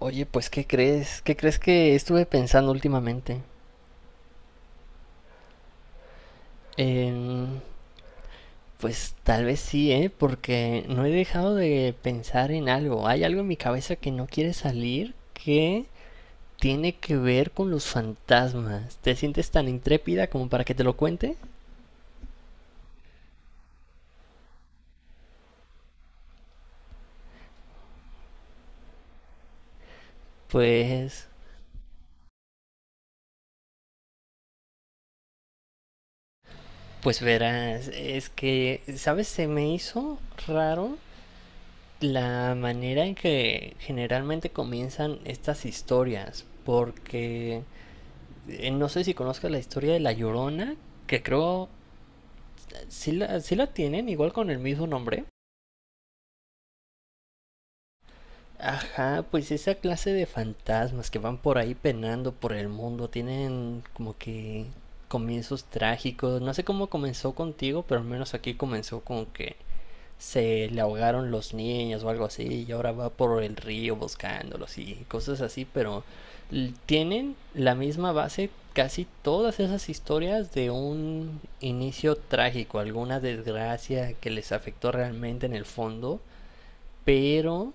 Oye, pues, ¿qué crees? ¿Qué crees que estuve pensando últimamente? Em, pues tal vez sí, ¿eh? Porque no he dejado de pensar en algo. Hay algo en mi cabeza que no quiere salir que tiene que ver con los fantasmas. ¿Te sientes tan intrépida como para que te lo cuente? Pues, pues verás, es que, ¿sabes? Se me hizo raro la manera en que generalmente comienzan estas historias, porque no sé si conozcas la historia de La Llorona, que creo sí la tienen, igual con el mismo nombre. Ajá, pues esa clase de fantasmas que van por ahí penando por el mundo, tienen como que comienzos trágicos. No sé cómo comenzó contigo, pero al menos aquí comenzó como que se le ahogaron los niños o algo así y ahora va por el río buscándolos y cosas así, pero tienen la misma base casi todas esas historias de un inicio trágico, alguna desgracia que les afectó realmente en el fondo, pero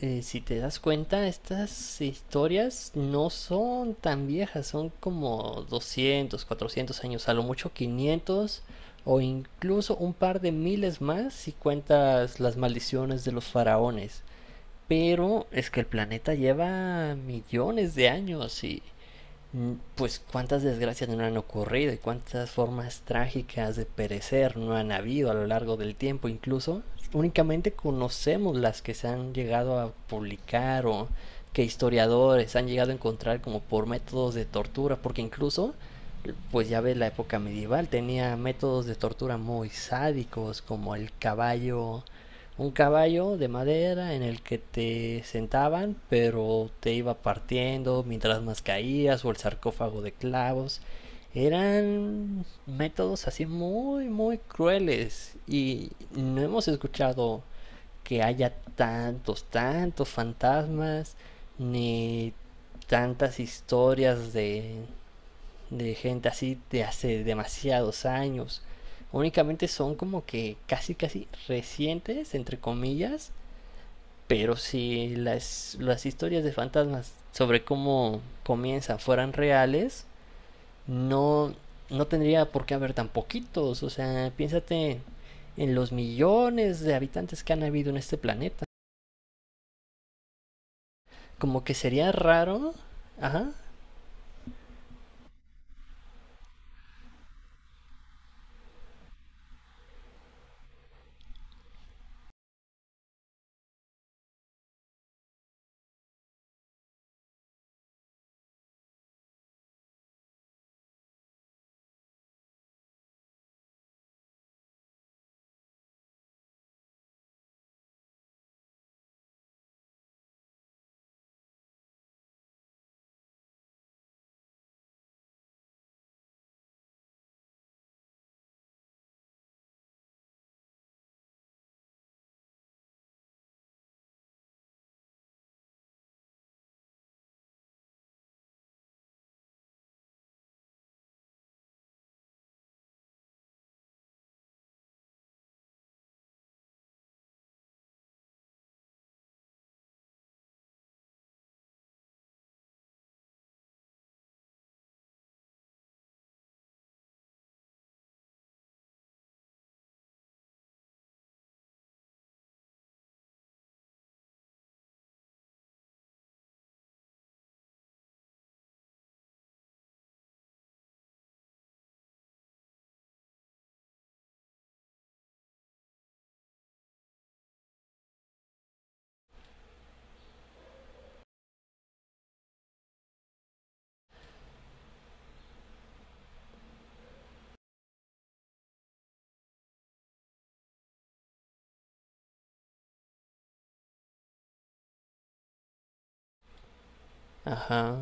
si te das cuenta, estas historias no son tan viejas, son como 200, 400 años, a lo mucho 500 o incluso un par de miles más si cuentas las maldiciones de los faraones. Pero es que el planeta lleva millones de años y pues cuántas desgracias no han ocurrido y cuántas formas trágicas de perecer no han habido a lo largo del tiempo. Incluso únicamente conocemos las que se han llegado a publicar o que historiadores han llegado a encontrar como por métodos de tortura, porque incluso, pues ya ves, la época medieval tenía métodos de tortura muy sádicos como el caballo un caballo de madera en el que te sentaban, pero te iba partiendo mientras más caías, o el sarcófago de clavos. Eran métodos así muy, muy crueles. Y no hemos escuchado que haya tantos, tantos fantasmas, ni tantas historias de gente así de hace demasiados años. Únicamente son como que casi casi recientes, entre comillas, pero si las historias de fantasmas sobre cómo comienzan fueran reales, no, no tendría por qué haber tan poquitos. O sea, piénsate en los millones de habitantes que han habido en este planeta. Como que sería raro, ajá, ajá,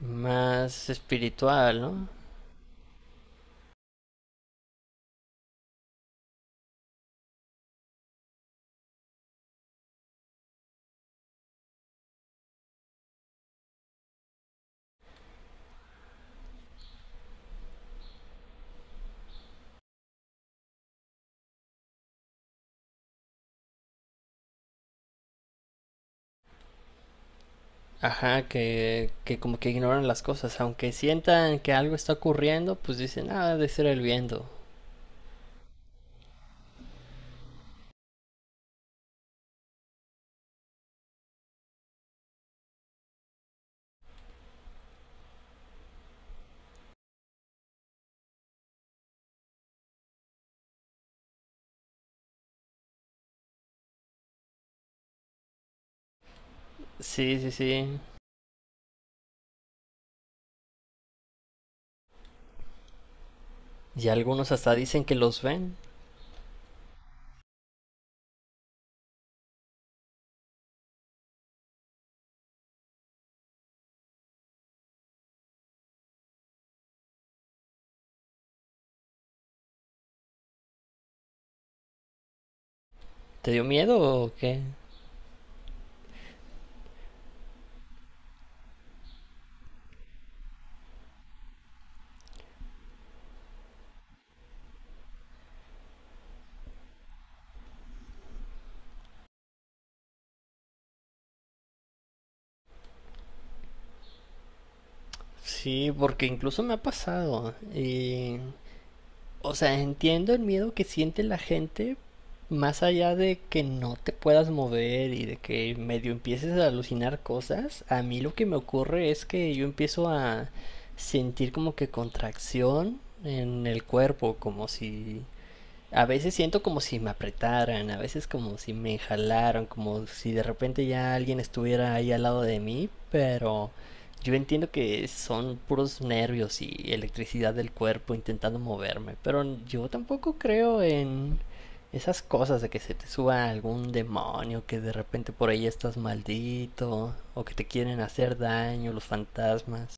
más espiritual, ¿no? Ajá, que como que ignoran las cosas, aunque sientan que algo está ocurriendo, pues dicen, ah, debe ser el viento. Sí, sí, sí. Y algunos hasta dicen que los ven. ¿Te dio miedo o qué? Sí, porque incluso me ha pasado. Y o sea, entiendo el miedo que siente la gente, más allá de que no te puedas mover y de que medio empieces a alucinar cosas, a mí lo que me ocurre es que yo empiezo a sentir como que contracción en el cuerpo, como si a veces siento como si me apretaran, a veces como si me jalaran, como si de repente ya alguien estuviera ahí al lado de mí, pero yo entiendo que son puros nervios y electricidad del cuerpo intentando moverme, pero yo tampoco creo en esas cosas de que se te suba algún demonio, que de repente por ahí estás maldito, o que te quieren hacer daño los fantasmas.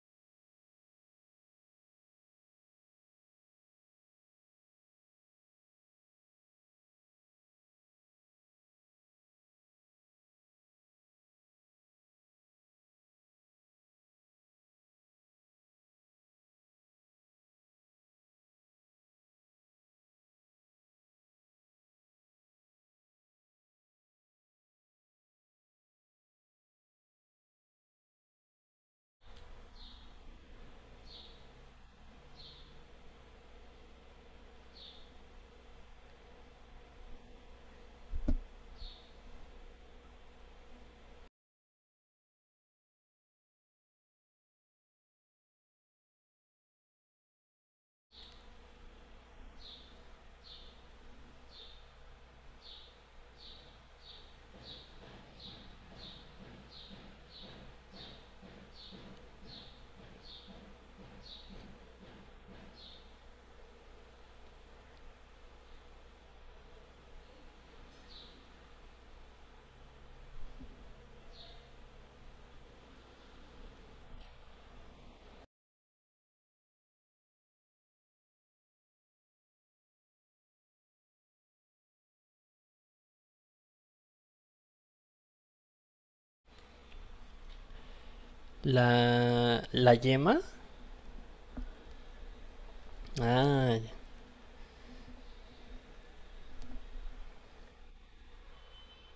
La yema, ah,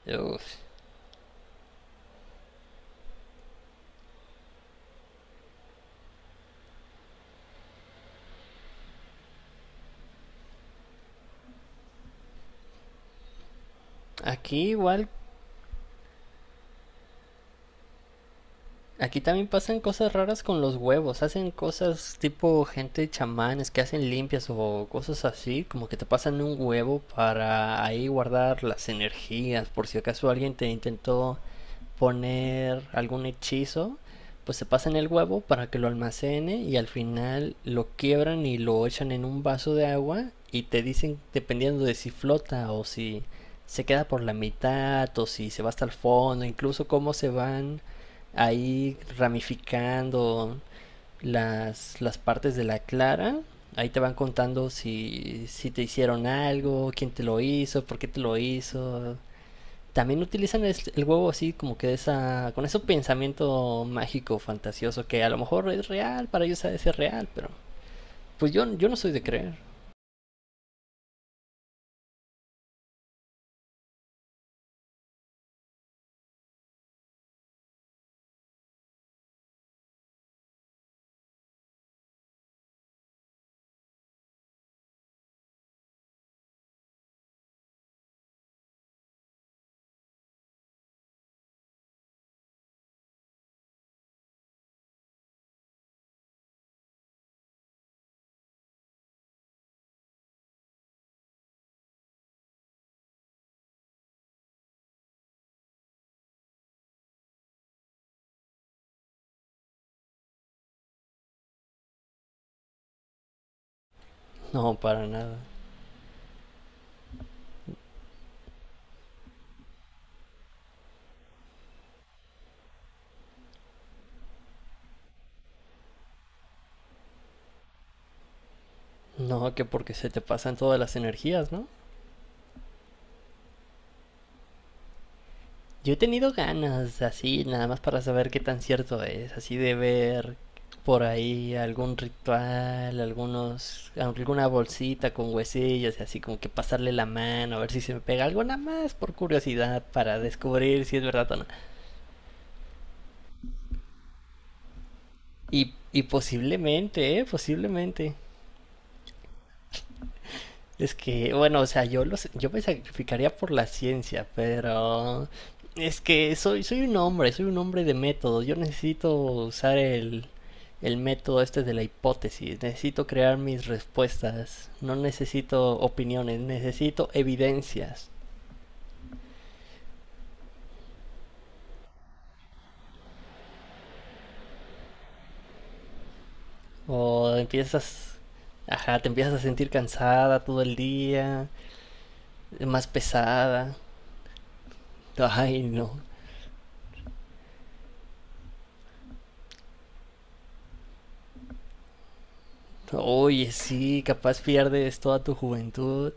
uf. Aquí igual. Aquí también pasan cosas raras con los huevos. Hacen cosas tipo gente chamanes que hacen limpias o cosas así, como que te pasan un huevo para ahí guardar las energías por si acaso alguien te intentó poner algún hechizo, pues se pasan el huevo para que lo almacene y al final lo quiebran y lo echan en un vaso de agua y te dicen dependiendo de si flota o si se queda por la mitad o si se va hasta el fondo, incluso cómo se van ahí ramificando las partes de la clara. Ahí te van contando si, si te hicieron algo, quién te lo hizo, por qué te lo hizo, también utilizan el huevo así como que esa con ese pensamiento mágico fantasioso que a lo mejor es real para ellos ha de ser real pero pues yo no soy de creer. No, para nada. No, que porque se te pasan todas las energías, no. Yo he tenido ganas así nada más para saber qué tan cierto es así de ver por ahí algún ritual, algunos, alguna bolsita con huesillos y así como que pasarle la mano a ver si se me pega algo nada más por curiosidad para descubrir si es verdad o no. Y posiblemente, ¿eh? Posiblemente. Es que, bueno, o sea, yo, los, yo me sacrificaría por la ciencia, pero es que soy, soy un hombre de método. Yo necesito usar el método este de la hipótesis. Necesito crear mis respuestas. No necesito opiniones, necesito evidencias. O empiezas, ajá, te empiezas a sentir cansada todo el día, más pesada. Ay, no. Oye, sí, capaz pierdes toda tu juventud.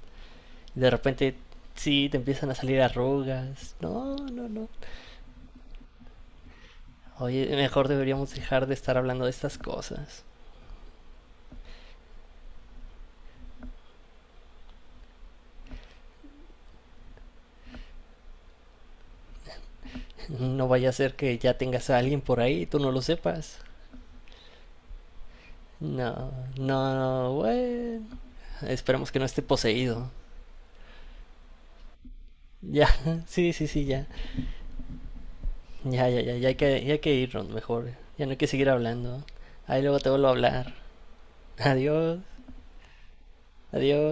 De repente, sí, te empiezan a salir arrugas. No, no, no. Oye, mejor deberíamos dejar de estar hablando de estas cosas. No vaya a ser que ya tengas a alguien por ahí y tú no lo sepas. No, no, no, bueno. Esperemos que no esté poseído. Ya, sí, sí, sí, ya. Ya, ya, ya, ya hay que irnos mejor. Ya no hay que seguir hablando. Ahí luego te vuelvo a hablar. Adiós, adiós.